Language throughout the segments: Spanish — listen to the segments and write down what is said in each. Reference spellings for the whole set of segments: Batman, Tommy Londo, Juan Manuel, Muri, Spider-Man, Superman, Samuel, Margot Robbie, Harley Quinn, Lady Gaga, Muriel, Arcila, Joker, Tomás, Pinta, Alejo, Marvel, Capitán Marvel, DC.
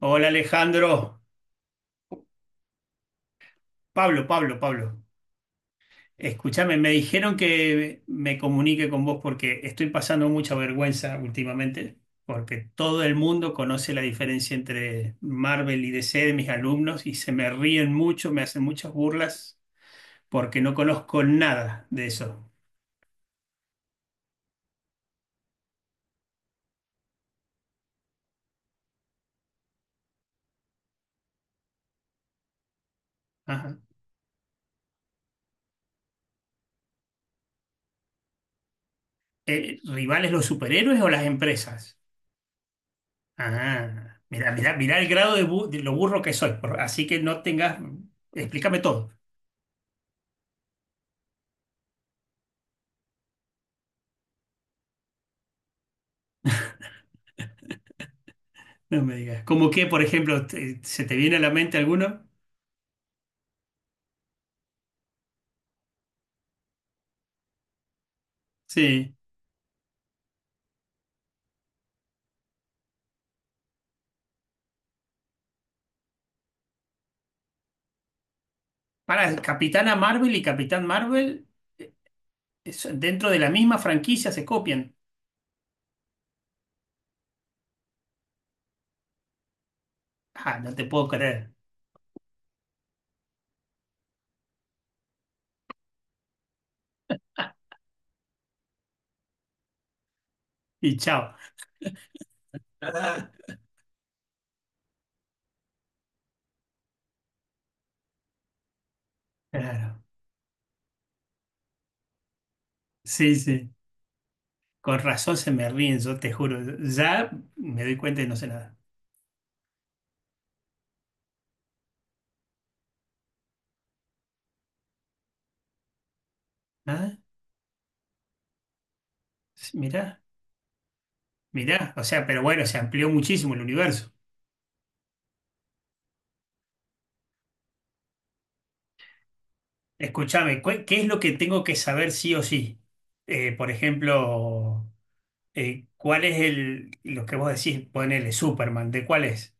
Hola, Alejandro. Pablo. Escúchame, me dijeron que me comunique con vos porque estoy pasando mucha vergüenza últimamente, porque todo el mundo conoce la diferencia entre Marvel y DC. De mis alumnos y se me ríen mucho, me hacen muchas burlas porque no conozco nada de eso. Ajá. ¿Rivales los superhéroes o las empresas? Ah, mira el grado de lo burro que soy, así que no tengas, explícame todo. No me digas. ¿Cómo que, por ejemplo, se te viene a la mente alguno? Sí. Para, Capitana Marvel y Capitán Marvel, eh, dentro de la misma franquicia se copian. Ah, no te puedo creer. Y chao. Claro. Sí, sí. Con razón se me ríen, yo te juro. Ya me doy cuenta y no sé nada. ¿Nada? Sí, mirá. O sea, pero bueno, se amplió muchísimo el universo. Escúchame, ¿qué es lo que tengo que saber sí o sí? Por ejemplo. ¿Cuál es lo que vos decís, ponele Superman, ¿de cuál es?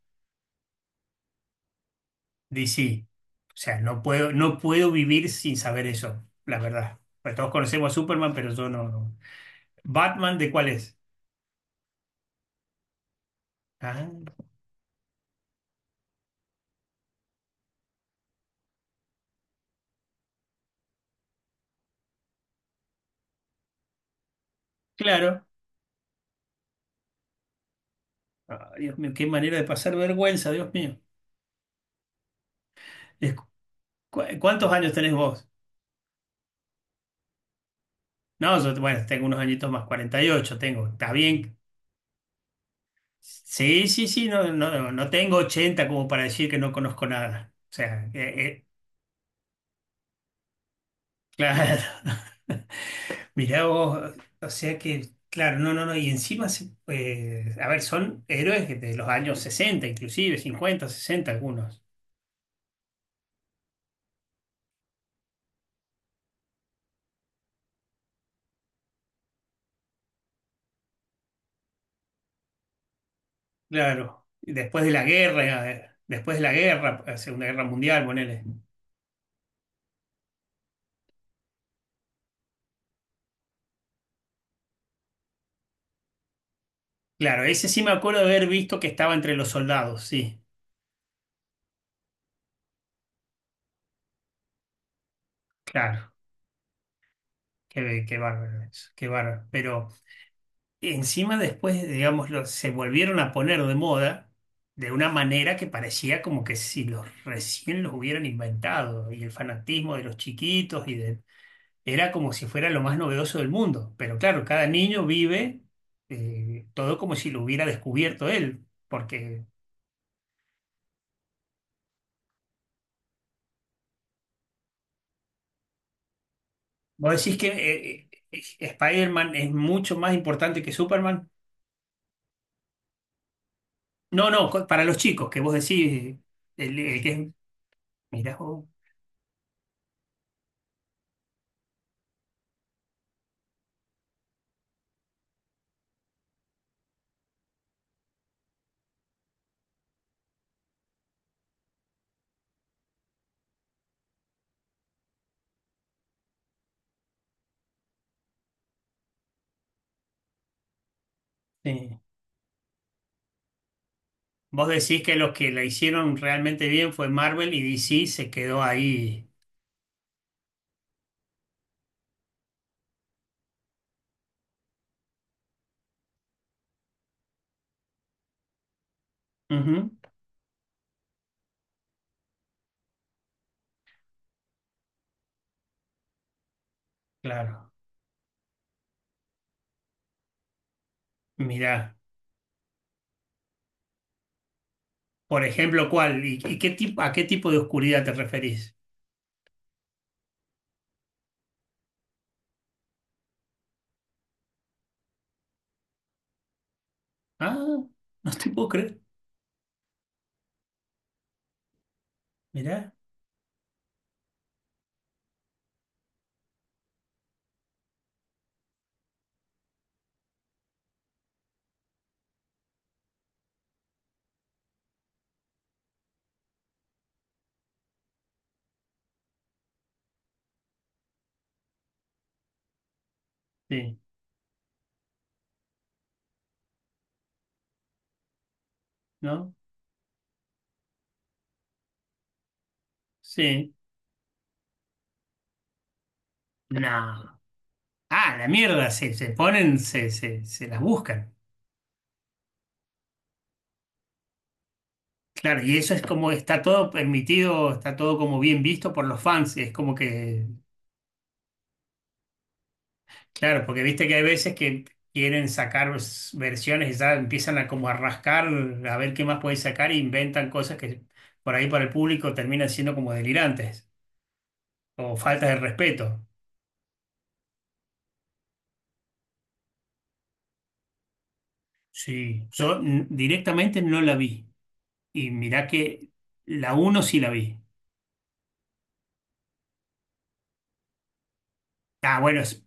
DC. O sea, no puedo vivir sin saber eso, la verdad. Pues todos conocemos a Superman, pero yo no. ¿Batman de cuál es? Ah, claro. Ah, Dios mío, qué manera de pasar vergüenza, Dios mío. Es- ¿Cuántos años tenés vos? No, yo, bueno, tengo unos añitos más, 48, tengo. Está bien. Sí, sí, sí, no tengo 80 como para decir que no conozco nada. Claro. Mirá vos, o sea que, claro, no, no, no, y encima, a ver, son héroes de los años 60 inclusive, 50, 60 algunos, claro, y después de la guerra, la Segunda Guerra Mundial, ponele. Claro, ese sí me acuerdo de haber visto que estaba entre los soldados, sí, claro, qué bárbaro eso, qué bárbaro. Pero y encima después, digámoslo, se volvieron a poner de moda de una manera que parecía como que si los recién los hubieran inventado y el fanatismo de los chiquitos y de... era como si fuera lo más novedoso del mundo. Pero claro, cada niño vive todo como si lo hubiera descubierto él, porque vos decís que Spider-Man es mucho más importante que Superman. No, no, co- para los chicos, que vos decís, el que es... Mirá, vos, sí. Vos decís que los que la hicieron realmente bien fue Marvel y DC se quedó ahí. Ujú, claro. Mirá, por ejemplo, ¿cuál? Y qué tipo, a qué tipo de oscuridad te referís? Ah, no te puedo creer. Mirá, sí, ¿no? Sí. No. Ah, la mierda, se ponen, se las buscan. Claro, y eso es como está todo permitido, está todo como bien visto por los fans. Es como que claro, porque viste que hay veces que quieren sacar versiones y ya empiezan a como a rascar, a ver qué más pueden sacar e inventan cosas que por ahí para el público terminan siendo como delirantes o faltas de respeto. Sí, yo directamente no la vi. Y mirá que la uno sí la vi. Ah, bueno,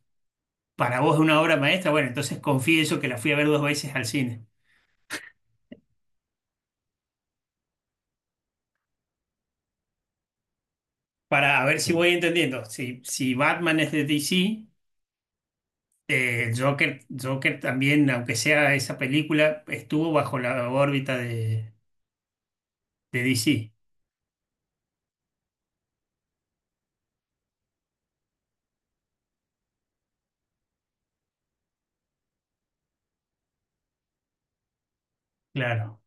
para vos es una obra maestra, bueno, entonces confieso que la fui a ver dos veces al cine. Para a ver si voy entendiendo. Si, si Batman es de DC. Joker también, aunque sea esa película, estuvo bajo la órbita de DC, claro.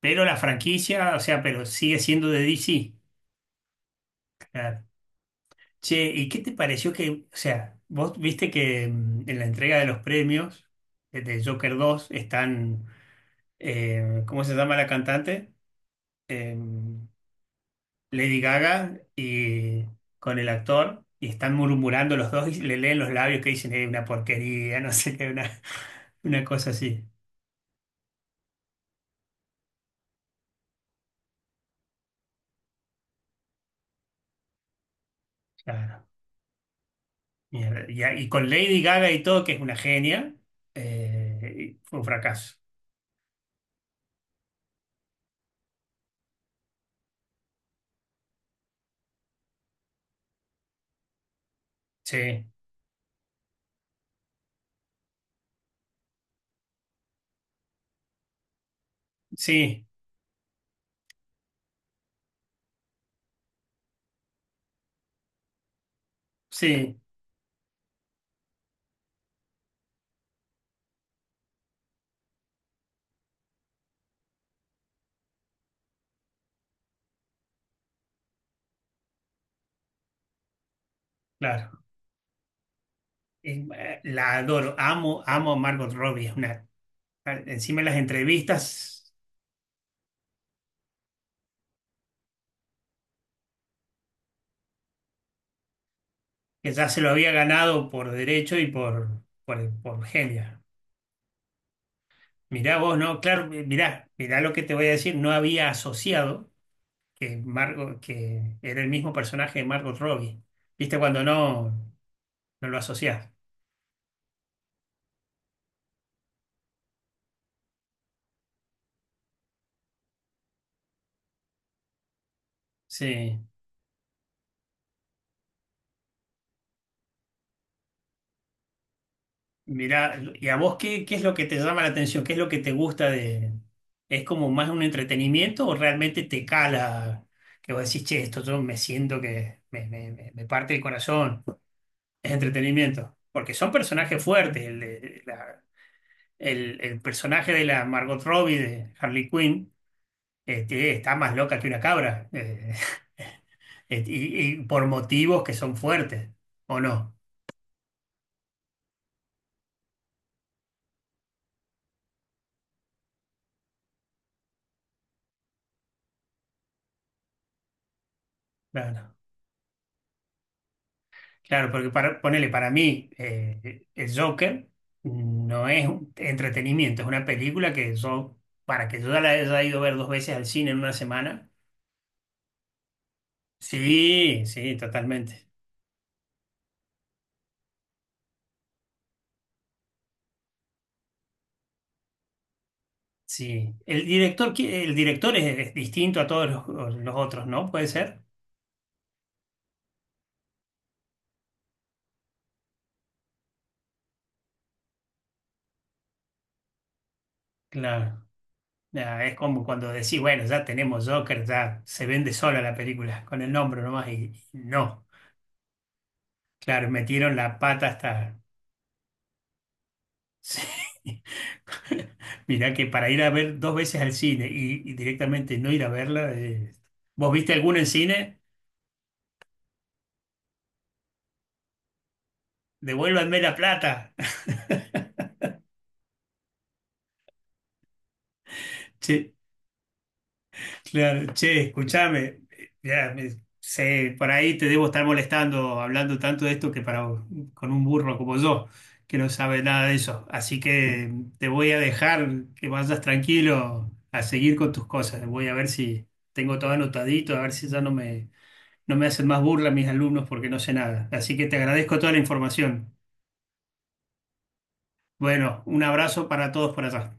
Pero la franquicia, o sea, pero sigue siendo de DC, claro. Che, ¿y qué te pareció que, o sea, vos viste que mm, en la entrega de los premios de Joker 2 están, ¿cómo se llama la cantante? Eh, Lady Gaga y con el actor. Y están murmurando los dos y le leen los labios que dicen, es una porquería, no sé qué, una... Una cosa así, claro. Mierda. Y con Lady Gaga y todo, que es una genia, fue un fracaso. Sí, sí, sí, claro. La adoro, amo a Margot Robbie. Es una, encima en las entrevistas, que ya se lo había ganado por derecho y por genia. Mirá vos, ¿no? Claro, mirá, mirá lo que te voy a decir. No había asociado que, Margot, que era el mismo personaje de Margot Robbie. ¿Viste cuando no lo asociás? Sí, mira, ¿y a vos qué, qué es lo que te llama la atención? ¿Qué es lo que te gusta de... ¿Es como más un entretenimiento o realmente te cala que vos decís, che, esto yo me siento que me parte el corazón? Es entretenimiento. Porque son personajes fuertes. El personaje de la Margot Robbie, de Harley Quinn, este, está más loca que una cabra. Y por motivos que son fuertes, ¿o no? Claro. Claro, porque para, ponele, para mí, el Joker no es un entretenimiento, es una película que yo, para que yo ya la haya ido a ver dos veces al cine en una semana. Sí, sí, totalmente. Sí. El director, el director es distinto a todos los otros, ¿no? Puede ser. Claro. Ya, es como cuando decís, bueno, ya tenemos Joker, ya se vende sola la película, con el nombre nomás, y no. Claro, metieron la pata hasta. Sí. Mirá que para ir a ver dos veces al cine y directamente no ir a verla, ¿vos viste alguna en cine? Devuélvanme la plata. Che, claro, che, escúchame. Ya, sé, por ahí te debo estar molestando hablando tanto de esto que para con un burro como yo, que no sabe nada de eso. Así que te voy a dejar que vayas tranquilo a seguir con tus cosas. Voy a ver si tengo todo anotadito, a ver si ya no me no me hacen más burla mis alumnos porque no sé nada. Así que te agradezco toda la información. Bueno, un abrazo para todos por allá.